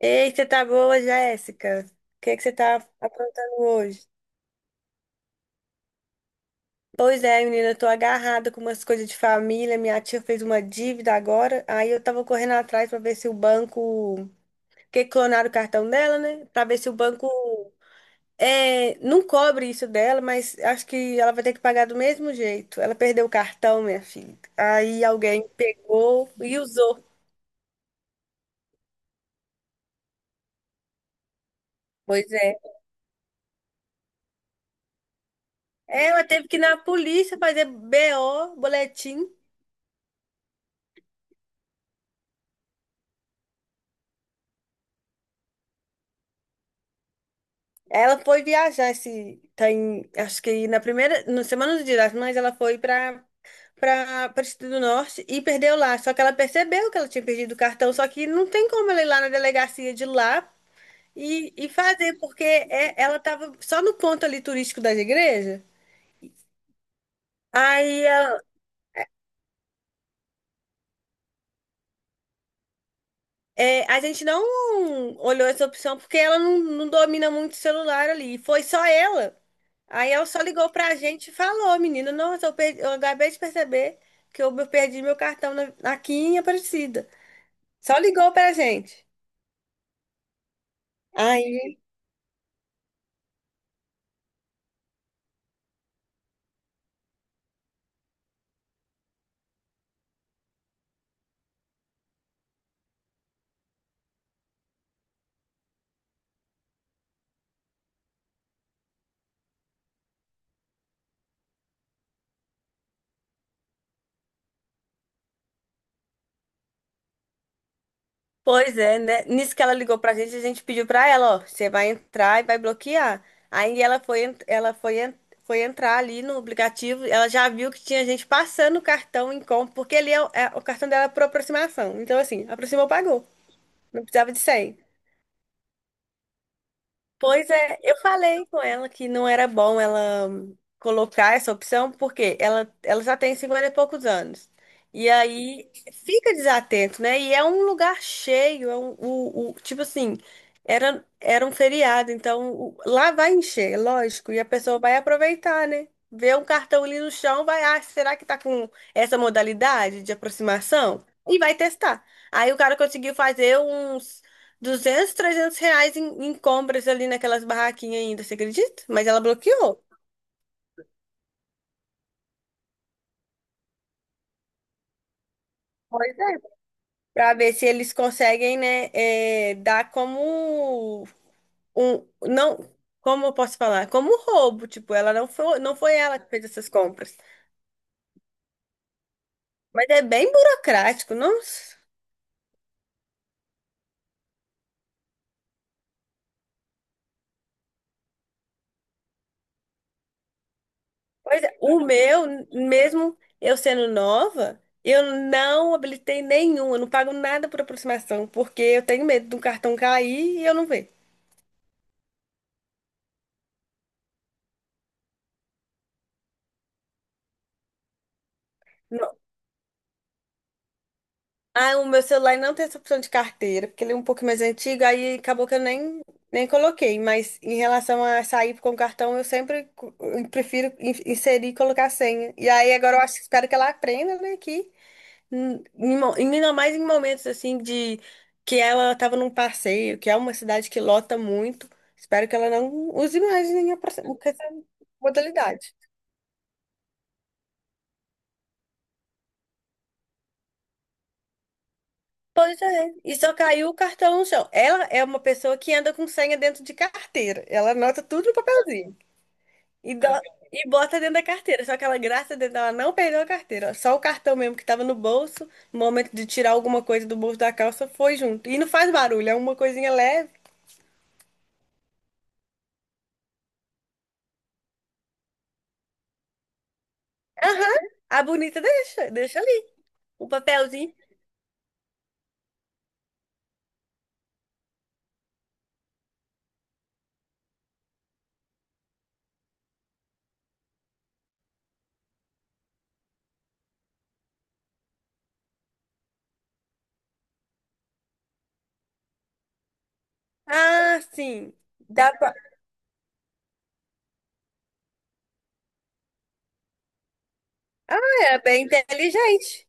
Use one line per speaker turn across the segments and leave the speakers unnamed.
Ei, você tá boa, Jéssica? O que é que você tá aprontando hoje? Pois é, menina, eu tô agarrada com umas coisas de família. Minha tia fez uma dívida agora, aí eu tava correndo atrás pra ver se o banco. Porque clonaram o cartão dela, né? Pra ver se o banco não cobre isso dela, mas acho que ela vai ter que pagar do mesmo jeito. Ela perdeu o cartão, minha filha. Aí alguém pegou e usou. Pois é. Ela teve que ir na polícia fazer BO, boletim. Ela foi viajar esse tem, acho que na primeira, na semana do Dia das Mães, ela foi para para o Distrito do Norte e perdeu lá. Só que ela percebeu que ela tinha perdido o cartão, só que não tem como ela ir lá na delegacia de lá e fazer, porque ela estava só no ponto ali turístico das igrejas. Aí ela- a gente não olhou essa opção porque ela não domina muito o celular ali. E foi só ela. Aí ela só ligou pra gente e falou, menina, nossa, eu, perdi, eu acabei de perceber que eu perdi meu cartão aqui em Aparecida. Só ligou pra gente. Aí, pois é, né? Nisso que ela ligou pra gente, a gente pediu pra ela, ó, você vai entrar e vai bloquear. Aí ela foi, en- Foi entrar ali no aplicativo, ela já viu que tinha gente passando o cartão em compra, porque ali o cartão dela é por aproximação. Então, assim, aproximou, pagou. Não precisava de senha. Pois é, eu falei com ela que não era bom ela colocar essa opção, porque ela já tem 50 e poucos anos. E aí fica desatento, né? E é um lugar cheio, tipo assim, era um feriado, então lá vai encher, lógico, e a pessoa vai aproveitar, né? Vê um cartão ali no chão, vai, ah, será que tá com essa modalidade de aproximação? E vai testar. Aí o cara conseguiu fazer uns 200 300 reais em compras ali naquelas barraquinhas ainda, você acredita? Mas ela bloqueou. Pois é. Pra ver se eles conseguem, né, dar como um, não, como eu posso falar? Como um roubo, tipo, ela não foi, não foi ela que fez essas compras. Mas é bem burocrático, não? Pois é, o meu, mesmo eu sendo nova, eu não habilitei nenhum, eu não pago nada por aproximação, porque eu tenho medo do cartão cair e eu não ver. Ah, o meu celular não tem essa opção de carteira, porque ele é um pouco mais antigo, aí acabou que eu nem coloquei. Mas em relação a sair com cartão, eu sempre eu prefiro inserir e colocar a senha. E aí agora eu acho, espero que ela aprenda, né, que ainda mais em momentos assim de que ela estava num passeio, que é uma cidade que lota muito. Espero que ela não use mais nenhuma essa modalidade. Pois é, e só caiu o cartão no chão. Ela é uma pessoa que anda com senha dentro de carteira. Ela anota tudo no papelzinho e, dó- e bota dentro da carteira. Só que ela, graças a Deus, ela não perdeu a carteira. Só o cartão mesmo que tava no bolso, no momento de tirar alguma coisa do bolso da calça, foi junto. E não faz barulho, é uma coisinha leve. Aham, a bonita deixa, deixa ali. O papelzinho. Ah, sim. Dá pra. Ah, é bem inteligente.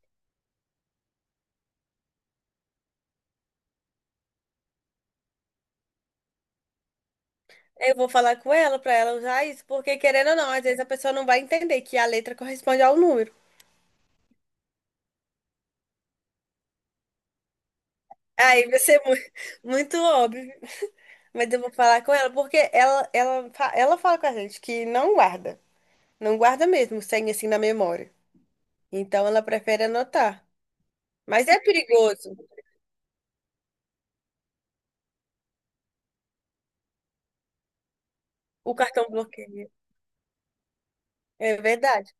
Eu vou falar com ela pra ela usar isso, porque querendo ou não, às vezes a pessoa não vai entender que a letra corresponde ao número. Aí vai ser muito óbvio, mas eu vou falar com ela, porque ela fala com a gente que não guarda, não guarda mesmo, sem assim na memória. Então ela prefere anotar. Mas é perigoso, o cartão bloqueio, é verdade.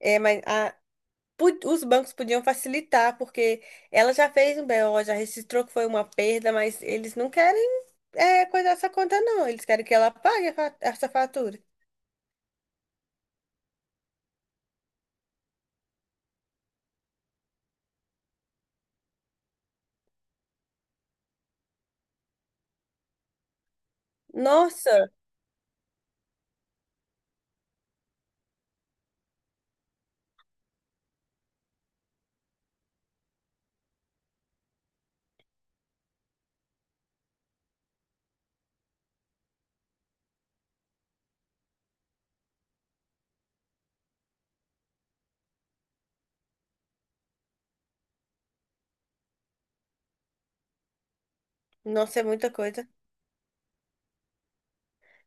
É, mas os bancos podiam facilitar, porque ela já fez um BO, já registrou que foi uma perda, mas eles não querem coisar essa conta, não. Eles querem que ela pague essa fatura. Nossa, nossa, é muita coisa.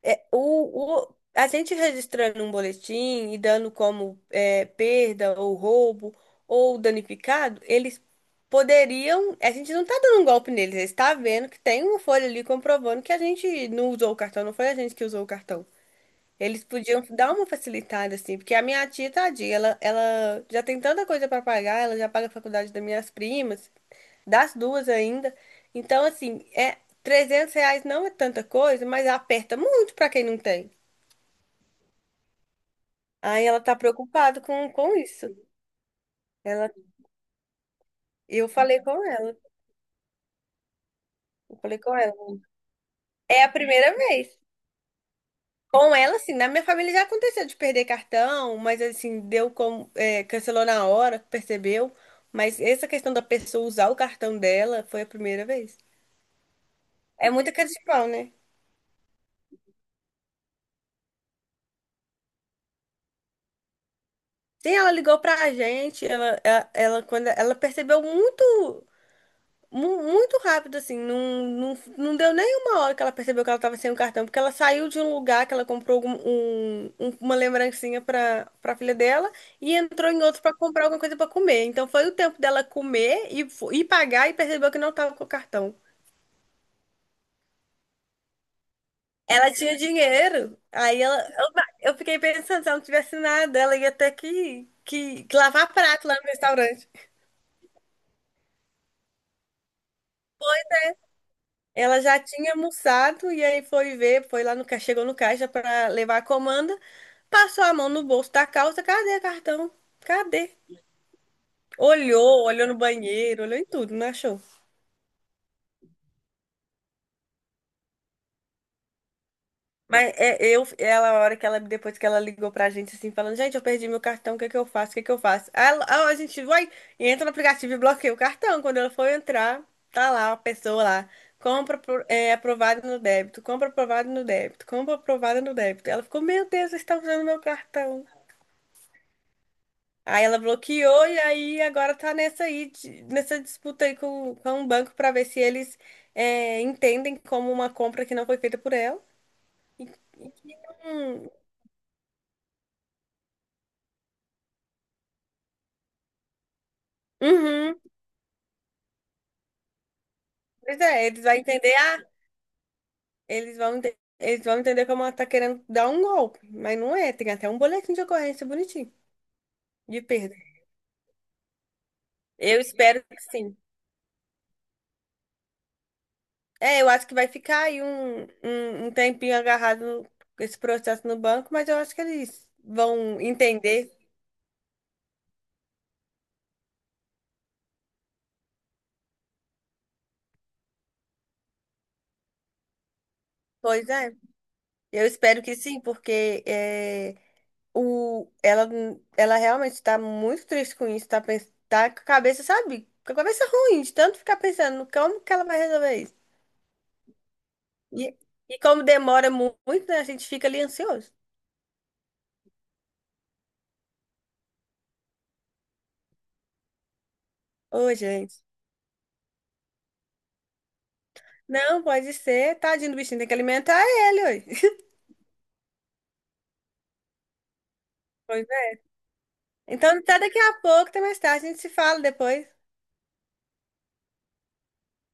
É, a gente registrando um boletim e dando como perda ou roubo ou danificado, eles poderiam. A gente não tá dando um golpe neles, eles tá vendo que tem uma folha ali comprovando que a gente não usou o cartão, não foi a gente que usou o cartão. Eles podiam dar uma facilitada, assim, porque a minha tia, tadinha, ela já tem tanta coisa para pagar, ela já paga a faculdade das minhas primas, das duas ainda. Então, assim, R$ 300 não é tanta coisa, mas aperta muito para quem não tem. Aí ela tá preocupada com isso. Ela, eu falei com ela, eu falei com ela. É a primeira vez. Com ela, assim, na minha família já aconteceu de perder cartão, mas assim, cancelou na hora, percebeu. Mas essa questão da pessoa usar o cartão dela foi a primeira vez. É muita cara de pau, né? Sim, ela ligou pra gente, quando ela percebeu muito. Muito rápido, assim. Não, não, não deu nem uma hora que ela percebeu que ela estava sem o cartão, porque ela saiu de um lugar que ela comprou uma lembrancinha para filha dela e entrou em outro para comprar alguma coisa para comer. Então foi o tempo dela comer e pagar e percebeu que não estava com o cartão. Ela tinha dinheiro, aí eu fiquei pensando, se ela não tivesse nada, ela ia ter que lavar prato lá no restaurante. Ela já tinha almoçado e aí foi ver, foi lá no caixa, chegou no caixa para levar a comanda, passou a mão no bolso da calça, cadê o cartão? Cadê? Olhou, olhou no banheiro, olhou em tudo, não achou? Mas a hora que ela, depois que ela ligou pra gente, assim, falando, gente, eu perdi meu cartão, o que é que eu faço? O que é que eu faço? Aí a gente vai, e entra no aplicativo e bloqueia o cartão. Quando ela for entrar, tá lá, a pessoa lá, compra aprovado no débito, compra aprovado no débito, compra aprovado no débito. Ela ficou, meu Deus, você está usando meu cartão. Aí ela bloqueou e aí agora tá nessa aí, nessa disputa aí com um banco pra ver se eles entendem como uma compra que não foi feita por ela. Hum, uhum. Pois é, eles vão entender, ah, eles vão entender como ela tá querendo dar um golpe, mas não é, tem até um boletim de ocorrência bonitinho, de perda. Eu espero que sim. É, eu acho que vai ficar aí um tempinho agarrado esse processo no banco, mas eu acho que eles vão entender. Pois é, eu espero que sim, porque o, ela, ela realmente está muito triste com isso, tá, tá com a cabeça, sabe? Com a cabeça ruim, de tanto ficar pensando no como que ela vai resolver isso. E, e como demora muito, né, a gente fica ali ansioso. Ô, gente. Não, pode ser. Tadinho do bichinho, tem que alimentar ele hoje. Pois é. Então, até daqui a pouco, até mais tarde, a gente se fala depois.